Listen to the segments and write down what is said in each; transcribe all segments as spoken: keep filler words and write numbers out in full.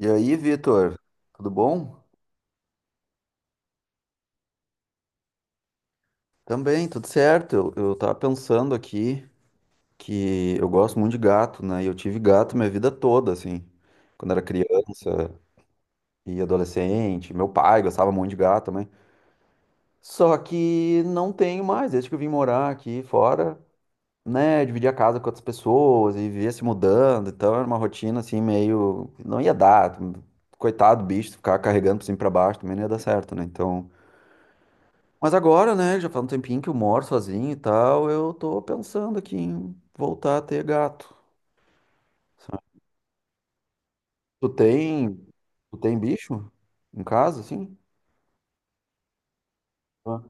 E aí, Vitor, tudo bom? Também, tudo certo. Eu, eu tava pensando aqui que eu gosto muito de gato, né? E eu tive gato minha vida toda, assim. Quando era criança e adolescente. Meu pai gostava muito de gato também. Só que não tenho mais, desde que eu vim morar aqui fora, né? Dividir a casa com outras pessoas e vivia se mudando. Então era uma rotina, assim, meio. Não ia dar. Coitado do bicho, ficar carregando pra cima e pra baixo também não ia dar certo, né? Então. Mas agora, né, já faz um tempinho que eu moro sozinho e tal, eu tô pensando aqui em voltar a ter gato. Sabe? Tu tem, tu tem bicho em casa, assim? Ah.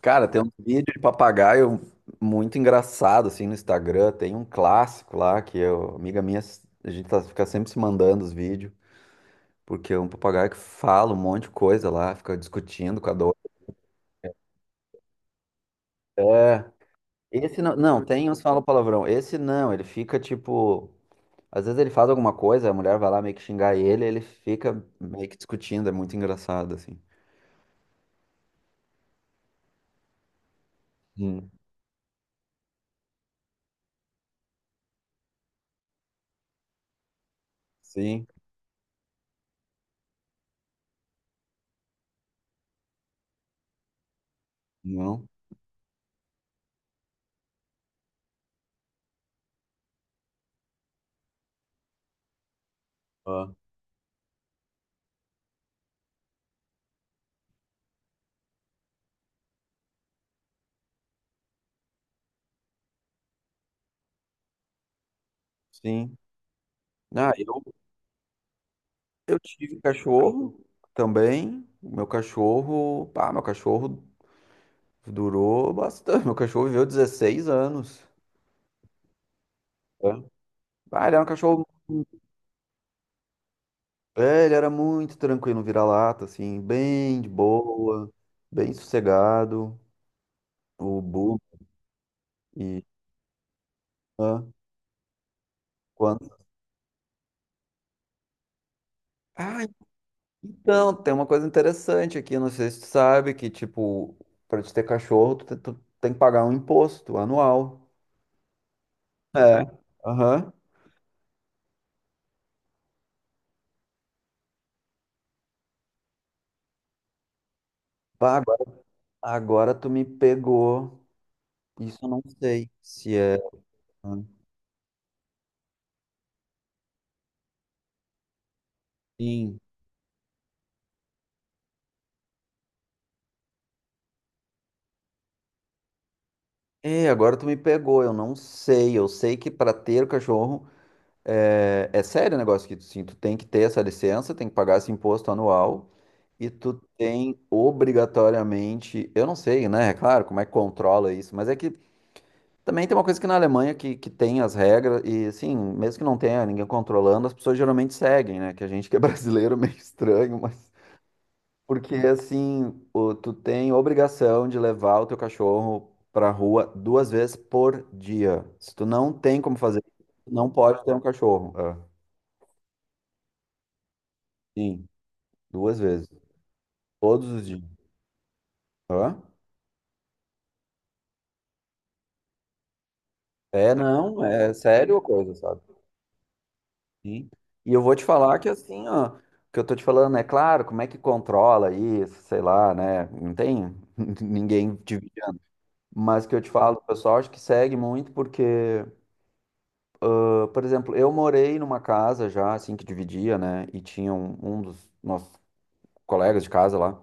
Cara, tem um vídeo de papagaio muito engraçado, assim, no Instagram. Tem um clássico lá que eu, amiga minha, a gente tá, fica sempre se mandando os vídeos, porque é um papagaio que fala um monte de coisa lá, fica discutindo com a dor. É, esse não, não, tem uns que falam palavrão. Esse não, ele fica tipo. Às vezes ele faz alguma coisa, a mulher vai lá meio que xingar ele, ele fica meio que discutindo, é muito engraçado, assim. Hum. Sim, não, ah, sim. Ah, eu, eu tive cachorro também. O meu cachorro, pá, meu cachorro durou bastante. Meu cachorro viveu dezesseis anos. É? Ah, ele era um cachorro. É, ele era muito tranquilo, um vira-lata, assim, bem de boa, bem sossegado. O Bu e. Ah, quando... ah, Então, tem uma coisa interessante aqui, não sei se tu sabe, que tipo, pra te ter cachorro, tu, te- tu tem que pagar um imposto anual. É. Aham. Bah, agora, agora tu me pegou. Isso eu não sei se é. Sim. É, agora tu me pegou, eu não sei. Eu sei que para ter o cachorro é, é sério o negócio que tu, sim, tu tem que ter essa licença, tem que pagar esse imposto anual e tu tem obrigatoriamente, eu não sei, né? É claro, como é que controla isso, mas é que também tem uma coisa que na Alemanha que, que tem as regras, e assim, mesmo que não tenha ninguém controlando, as pessoas geralmente seguem, né? Que a gente que é brasileiro é meio estranho, mas. Porque assim, o- tu tem obrigação de levar o teu cachorro pra rua duas vezes por dia. Se tu não tem como fazer, tu não pode ter um cachorro. Ah, sim, duas vezes. Todos os dias. Hã? É, não, é sério a coisa, sabe? Sim. E eu vou te falar que assim, ó, o que eu tô te falando é claro, como é que controla isso, sei lá, né? Não tem ninguém te vigiando. Mas que eu te falo, o pessoal acho que segue muito porque, ah, por exemplo, eu morei numa casa já, assim, que dividia, né? E tinha um, um dos nossos colegas de casa lá,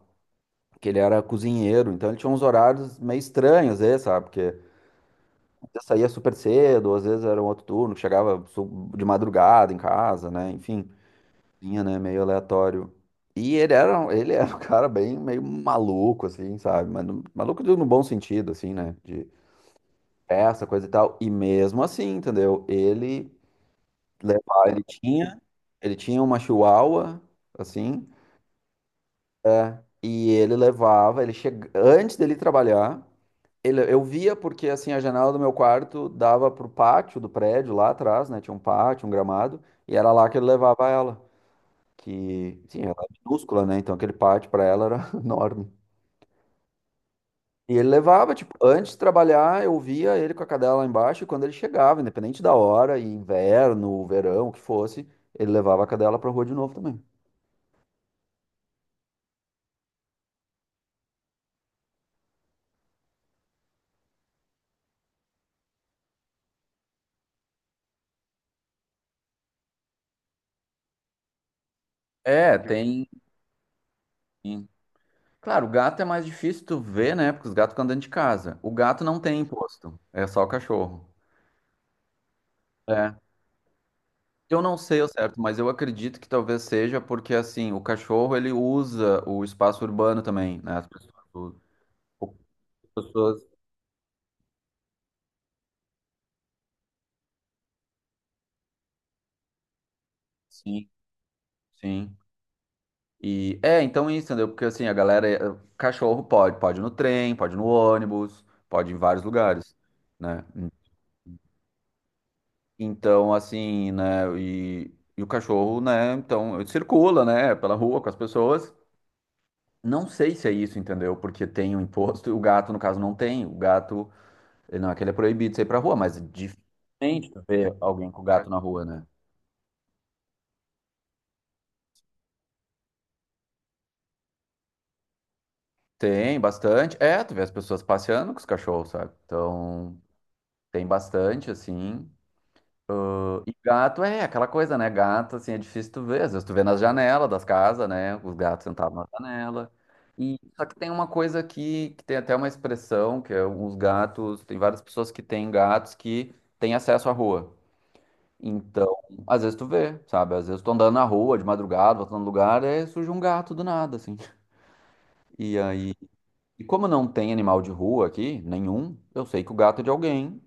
que ele era cozinheiro, então ele tinha uns horários meio estranhos, às vezes, sabe? Porque às vezes saía super cedo, ou às vezes era um outro turno, que chegava su- de madrugada em casa, né? Enfim. Tinha, né? Meio aleatório. E ele era, um- ele era um cara bem meio maluco, assim, sabe? Mas no- maluco no bom sentido, assim, né? De festa, coisa e tal. E mesmo assim, entendeu? Ele levava, ele tinha, ele tinha uma chihuahua, assim, é, e ele levava, ele chega, antes dele trabalhar, ele, eu via porque, assim, a janela do meu quarto dava pro pátio do prédio lá atrás, né? Tinha um pátio, um gramado, e era lá que ele levava ela. Que, sim, ela é minúscula, né? Então aquele pátio para ela era enorme. E ele levava, tipo, antes de trabalhar, eu via ele com a cadela lá embaixo, e quando ele chegava, independente da hora, e inverno, verão, o que fosse, ele levava a cadela pra rua de novo também. É, tem. Claro, o gato é mais difícil tu ver, né? Porque os gatos ficam dentro de casa. O gato não tem imposto, é só o cachorro. É. Eu não sei ao certo, mas eu acredito que talvez seja porque, assim, o cachorro ele usa o espaço urbano também, né? As pessoas, as pessoas. Sim, sim. E é, então isso, entendeu? Porque assim, a galera, eh, cachorro pode, pode ir no trem, pode ir no ônibus, pode ir em vários lugares, né? Então, assim, né, e, e o cachorro, né, então, ele circula, né, pela rua com as pessoas. Não sei se é isso, entendeu? Porque tem o imposto e o gato, no caso, não tem. O gato, ele não é que ele é proibido de sair pra rua, mas é dificilmente tu vê alguém com gato na rua, né? Tem bastante. É, tu vê as pessoas passeando com os cachorros, sabe? Então. Tem bastante, assim. E gato é aquela coisa, né? Gato, assim, é difícil tu ver. Às vezes tu vê nas janelas das casas, né? Os gatos sentados na janela. E só que tem uma coisa aqui, que tem até uma expressão, que é os gatos, tem várias pessoas que têm gatos que têm acesso à rua. Então, às vezes tu vê, sabe? Às vezes tu andando na rua de madrugada, voltando no lugar, aí surge um gato do nada, assim. E aí, e como não tem animal de rua aqui, nenhum, eu sei que o gato é de alguém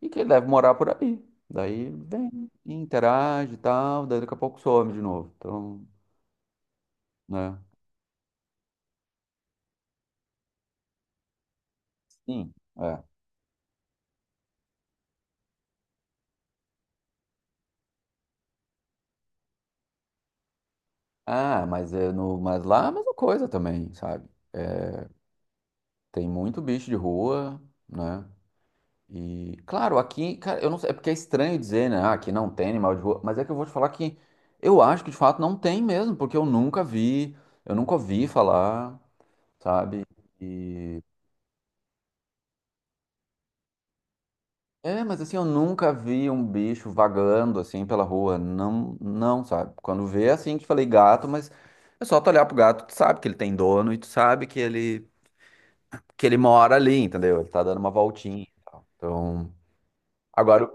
e que ele deve morar por aí. Daí vem, interage e tal, daí daqui a pouco some de novo. Então, né? Sim, é. Ah, mas, é no, mas lá é a mesma coisa também, sabe? É, tem muito bicho de rua, né? E, claro, aqui, cara, eu não sei, é porque é estranho dizer, né? Ah, aqui não tem animal de rua, mas é que eu vou te falar que eu acho que de fato não tem mesmo, porque eu nunca vi, eu nunca ouvi falar, sabe? É, mas assim, eu nunca vi um bicho vagando assim pela rua. Não, não, sabe? Quando vê, assim, que falei gato, mas é só tu olhar pro gato, tu sabe que ele tem dono e tu sabe que ele, que ele mora ali, entendeu? Ele tá dando uma voltinha. Então, agora,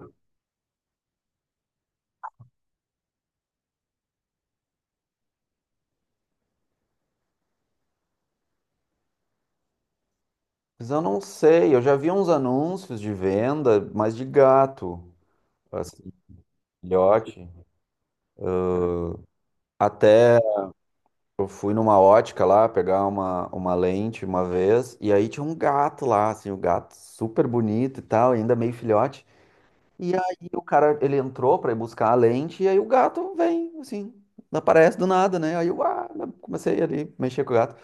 mas eu não sei, eu já vi uns anúncios de venda, mas de gato, assim, filhote. Até eu fui numa ótica lá pegar uma, uma lente uma vez, e aí tinha um gato lá, assim, o gato super bonito e tal, ainda meio filhote. E aí o cara, ele entrou pra ir buscar a lente, e aí o gato vem, assim, aparece do nada, né? Aí eu ah, comecei ali, mexer com o gato.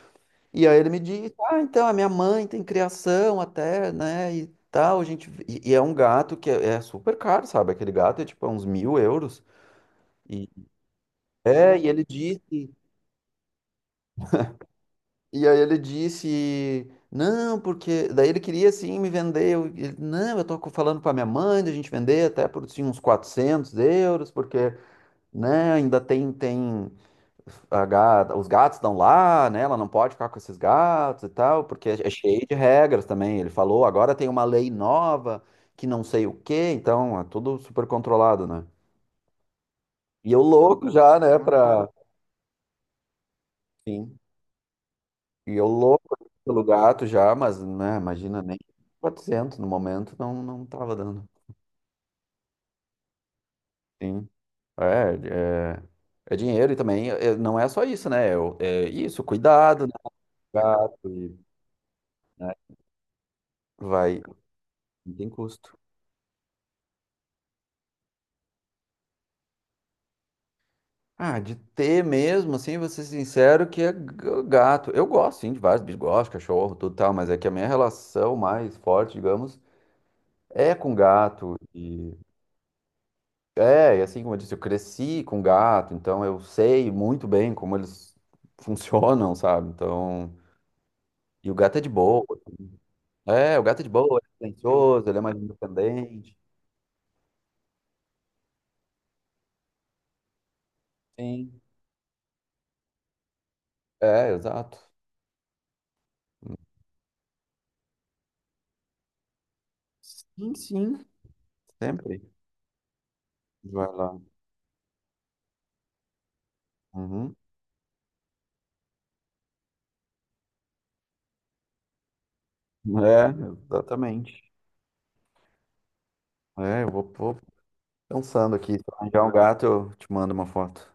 E aí ele me disse, ah, então, a minha mãe tem criação até, né, e tal, a gente... E, e é um gato que é, é super caro, sabe? Aquele gato é tipo é uns mil euros. E, é, e ele disse... E aí ele disse, não, porque... Daí ele queria, assim, me vender. Eu, ele, não, eu tô falando com a minha mãe, da gente vender até por, assim, uns quatrocentos euros, porque... Né? Ainda tem, tem a gata- os gatos estão lá, né? Ela não pode ficar com esses gatos e tal, porque é cheio de regras também. Ele falou, agora tem uma lei nova que não sei o quê, então é tudo super controlado, né? E eu louco já, né, pra... Sim. E eu louco pelo gato já, mas, né, imagina, nem quatrocentos no momento não, não tava dando. Sim. É, é, é dinheiro e também é, não é só isso, né? Eu- é isso, cuidado, né? Gato e vai. Não tem custo. Ah, de ter mesmo, assim, vou ser sincero, que é g- gato. Eu gosto, sim, de vários bichos, gosto, de cachorro, tudo tal, mas é que a minha relação mais forte, digamos, é com gato. E é, e assim como eu disse, eu cresci com gato, então eu sei muito bem como eles funcionam, sabe? Então, e o gato é de boa. É, o gato é de boa, ele é silencioso, ele é mais independente. Sim. É, exato. Sim, sim, sempre. Vai lá. Uhum. É, exatamente. É, eu vou, vou pensando aqui. Se eu arranjar um gato, eu te mando uma foto.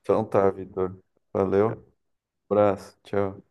Então tá, Vitor. Valeu. Abraço. Tchau.